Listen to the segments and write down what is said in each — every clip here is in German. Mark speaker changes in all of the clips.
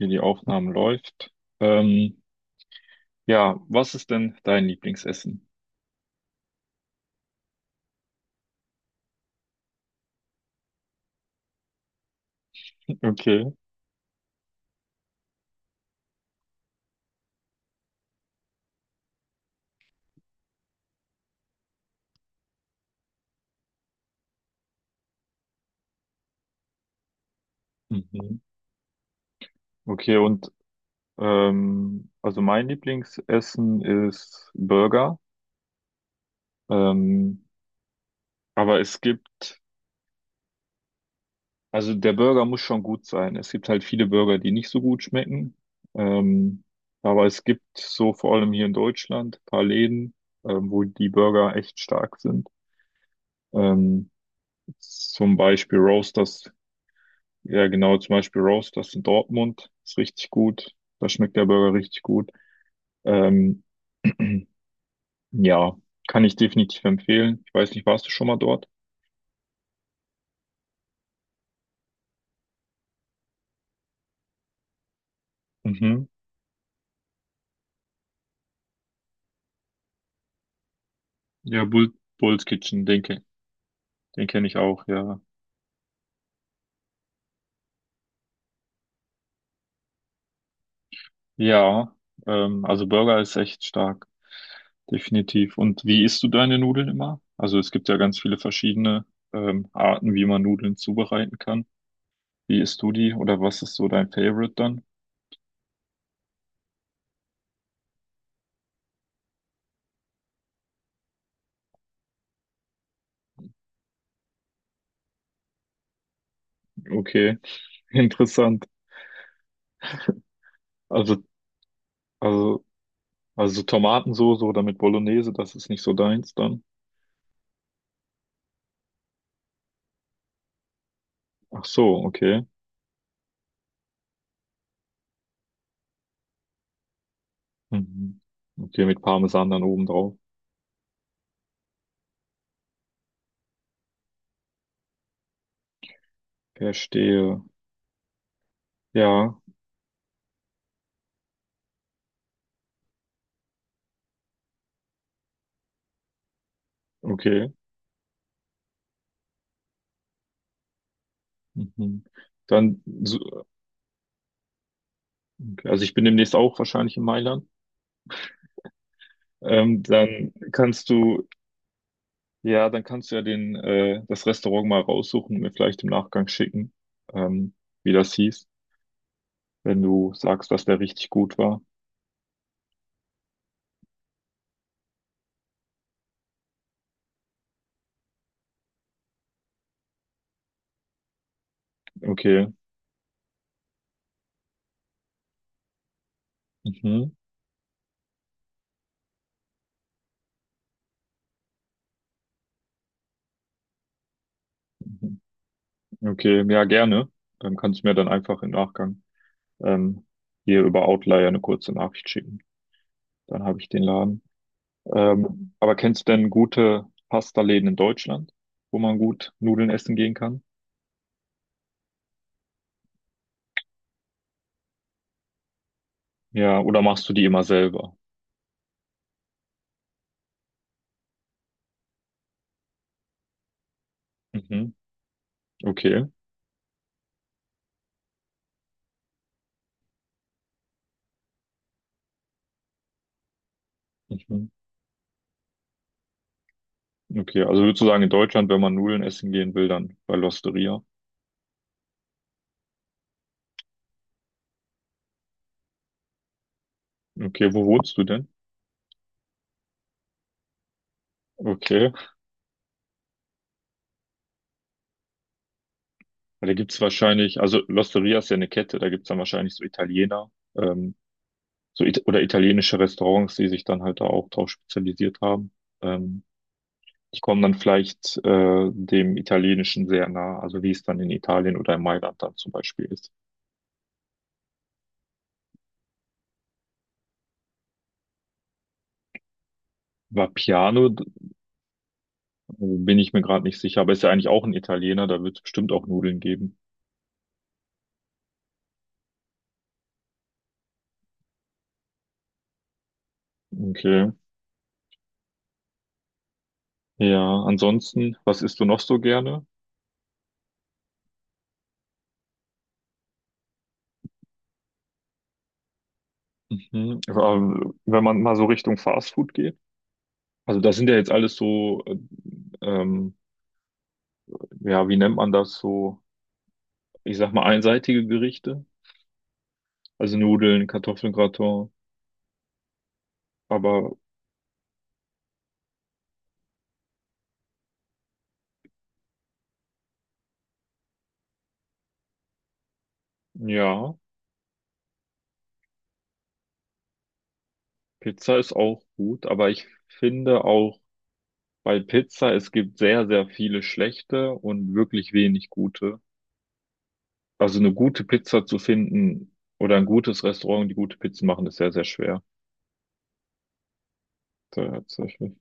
Speaker 1: Okay, die Aufnahme läuft. Ähm, ja, was ist denn dein Lieblingsessen? Okay. Mhm. Okay, und also mein Lieblingsessen ist Burger. Ähm, aber es gibt, also der Burger muss schon gut sein. Es gibt halt viele Burger, die nicht so gut schmecken. Ähm, aber es gibt so vor allem hier in Deutschland ein paar Läden, wo die Burger echt stark sind. Ähm, zum Beispiel Roasters. Ja, genau, zum Beispiel Roast, das in Dortmund ist richtig gut. Da schmeckt der Burger richtig gut. Ähm, ja, kann ich definitiv empfehlen. Ich weiß nicht, warst du schon mal dort? Mhm. Ja, Bull's Kitchen, denke, den kenne ich auch, ja. Ja, also Burger ist echt stark, definitiv. Und wie isst du deine Nudeln immer? Also es gibt ja ganz viele verschiedene Arten, wie man Nudeln zubereiten kann. Wie isst du die oder was ist so dein Favorite dann? Okay, interessant. Also, also, also so Tomatensoße oder mit Bolognese, das ist nicht so deins dann. Ach so, okay. Mhm. Okay, mit Parmesan dann oben drauf. Verstehe. Ja, okay. Mhm. Dann, so- okay, also ich bin demnächst auch wahrscheinlich in Mailand. Ähm, dann kannst du, ja, dann kannst du ja den, das Restaurant mal raussuchen und mir vielleicht im Nachgang schicken, ähm, wie das hieß, wenn du sagst, dass der richtig gut war. Okay. Mhm. Mhm. Okay, ja, gerne. Dann kannst du mir dann einfach im Nachgang ähm, hier über Outlier eine kurze Nachricht schicken. Dann habe ich den Laden. Aber kennst du denn gute Pasta-Läden in Deutschland, wo man gut Nudeln essen gehen kann? Ja, oder machst du die immer selber? Mhm. Okay. Mhm. Okay, also würdest du sagen, in Deutschland, wenn man Nudeln essen gehen will, dann bei L'Osteria? Okay, wo wohnst du denn? Okay. Ja, da gibt's wahrscheinlich, also L'Osteria ist ja eine Kette, da gibt's dann wahrscheinlich so Italiener. Ähm, so it oder italienische Restaurants, die sich dann halt da auch drauf spezialisiert haben. Ähm, die kommen dann vielleicht dem Italienischen sehr nah, also wie es dann in Italien oder in Mailand dann zum Beispiel ist. Vapiano, d- bin ich mir gerade nicht sicher, aber ist ja eigentlich auch ein Italiener, da wird es bestimmt auch Nudeln geben. Okay. Ja, ansonsten, was isst du noch so gerne? Mhm. Wenn man mal so Richtung Fastfood geht. Also das sind ja jetzt alles so, ähm, ja, wie nennt man das so? Ich sag mal einseitige Gerichte. Also Nudeln, Kartoffelgratin, aber ja, Pizza ist auch gut. Aber ich finde auch bei Pizza, es gibt sehr, sehr viele schlechte und wirklich wenig gute. Also eine gute Pizza zu finden oder ein gutes Restaurant, die gute Pizza machen, ist sehr, sehr schwer. Tatsächlich.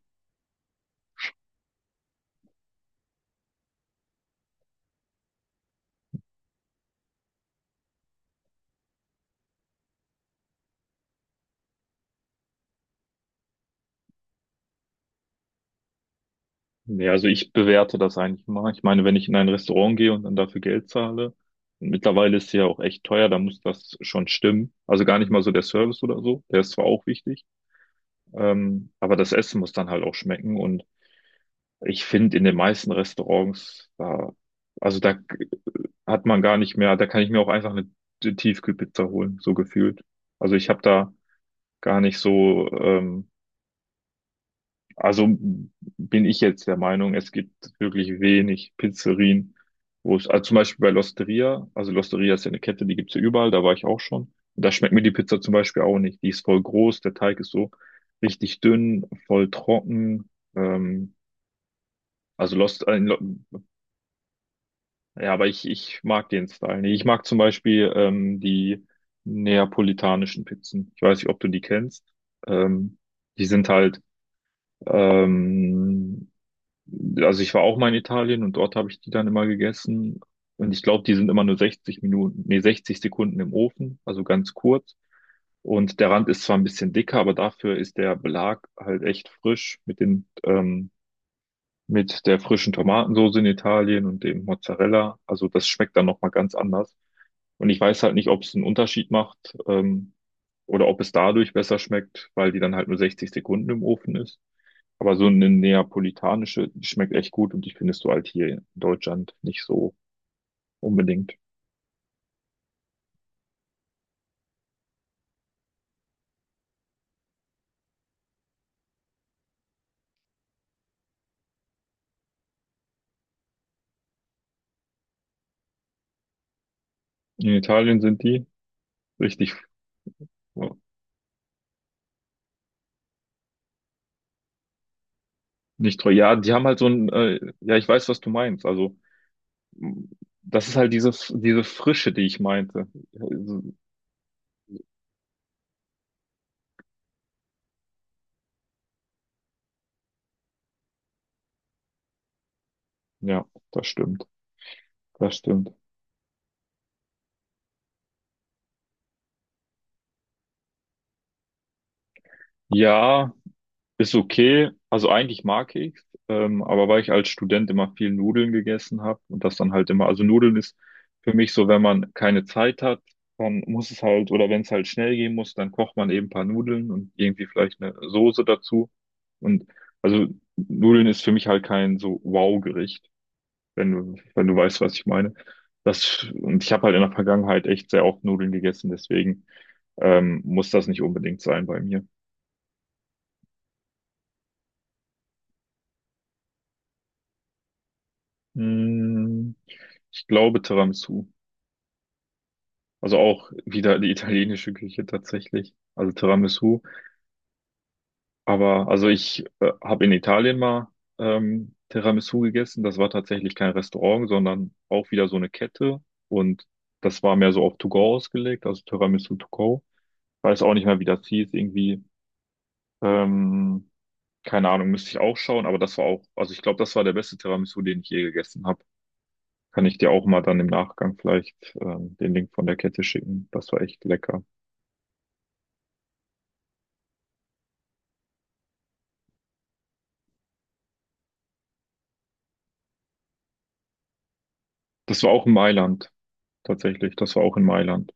Speaker 1: Nee, also ich bewerte das eigentlich mal. Ich meine, wenn ich in ein Restaurant gehe und dann dafür Geld zahle, und mittlerweile ist sie ja auch echt teuer, da muss das schon stimmen. Also gar nicht mal so der Service oder so, der ist zwar auch wichtig. Aber das Essen muss dann halt auch schmecken. Und ich finde, in den meisten Restaurants, da, also da k- hat man gar nicht mehr, da kann ich mir auch einfach eine Tiefkühlpizza holen, so gefühlt. Also ich habe da gar nicht also bin ich jetzt der Meinung, es gibt wirklich wenig Pizzerien, wo es, also zum Beispiel bei L'Osteria, also L'Osteria ist ja eine Kette, die gibt's ja überall, da war ich auch schon. Und da schmeckt mir die Pizza zum Beispiel auch nicht. Die ist voll groß, der Teig ist so richtig dünn, voll trocken. Ähm, also Lost, äh, Lo- ja, aber ich mag den Style nicht. Ich mag zum Beispiel die neapolitanischen Pizzen. Ich weiß nicht, ob du die kennst. Ähm, die sind halt ähm, also ich war auch mal in Italien und dort habe ich die dann immer gegessen. Und ich glaube, die sind immer nur 60 Minuten, nee, 60 Sekunden im Ofen, also ganz kurz. Und der Rand ist zwar ein bisschen dicker, aber dafür ist der Belag halt echt frisch mit mit der frischen Tomatensoße in Italien und dem Mozzarella. Also das schmeckt dann nochmal ganz anders. Und ich weiß halt nicht, ob es einen Unterschied macht, oder ob es dadurch besser schmeckt, weil die dann halt nur 60 Sekunden im Ofen ist. Aber so eine neapolitanische, die schmeckt echt gut und die findest du halt hier in Deutschland nicht so unbedingt. In Italien sind die richtig, ja, nicht teuer. Ja, die haben halt so ein, ja, ich weiß, was du meinst. M, das ist halt diese Frische, die ich meinte. Also, ja, das stimmt. Das stimmt. Ja, ist okay. Also eigentlich mag ich aber weil ich als Student immer viel Nudeln gegessen habe und das dann halt immer, also Nudeln ist für mich so, wenn man keine Zeit hat, dann muss es halt, oder wenn es halt schnell gehen muss, dann kocht man eben ein paar Nudeln und irgendwie vielleicht eine Soße dazu. Und also Nudeln ist für mich halt kein so Wow-Gericht, wenn du weißt, was ich meine. Das, und ich habe halt in der Vergangenheit echt sehr oft Nudeln gegessen, deswegen muss das nicht unbedingt sein bei mir. Mm. Ich glaube Tiramisu. Also auch wieder die italienische Küche tatsächlich. Also Tiramisu. Aber also ich habe in Italien mal Tiramisu gegessen. Das war tatsächlich kein Restaurant, sondern auch wieder so eine Kette. Und das war mehr so auf To Go ausgelegt, also Tiramisu To Go. Weiß auch nicht mehr, wie das hieß. Irgendwie, ähm, keine Ahnung, müsste ich auch schauen. Aber das war auch, also ich glaube, das war der beste Tiramisu, den ich je gegessen habe. Kann ich dir auch mal dann im Nachgang vielleicht den Link von der Kette schicken. Das war echt lecker. Das war auch in Mailand, tatsächlich. Das war auch in Mailand.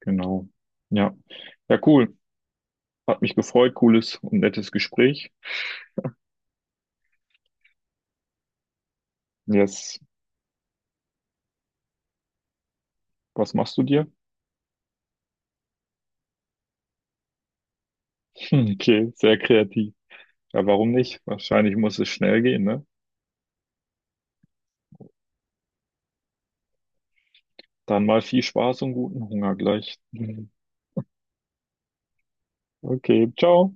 Speaker 1: Genau. Ja. Ja, cool. Hat mich gefreut. Cooles und nettes Gespräch. Jetzt, was machst du dir? Hm, okay, sehr kreativ. Ja, warum nicht? Wahrscheinlich muss es schnell gehen, ne? Dann mal viel Spaß und guten Hunger gleich. Mhm. Okay, ciao.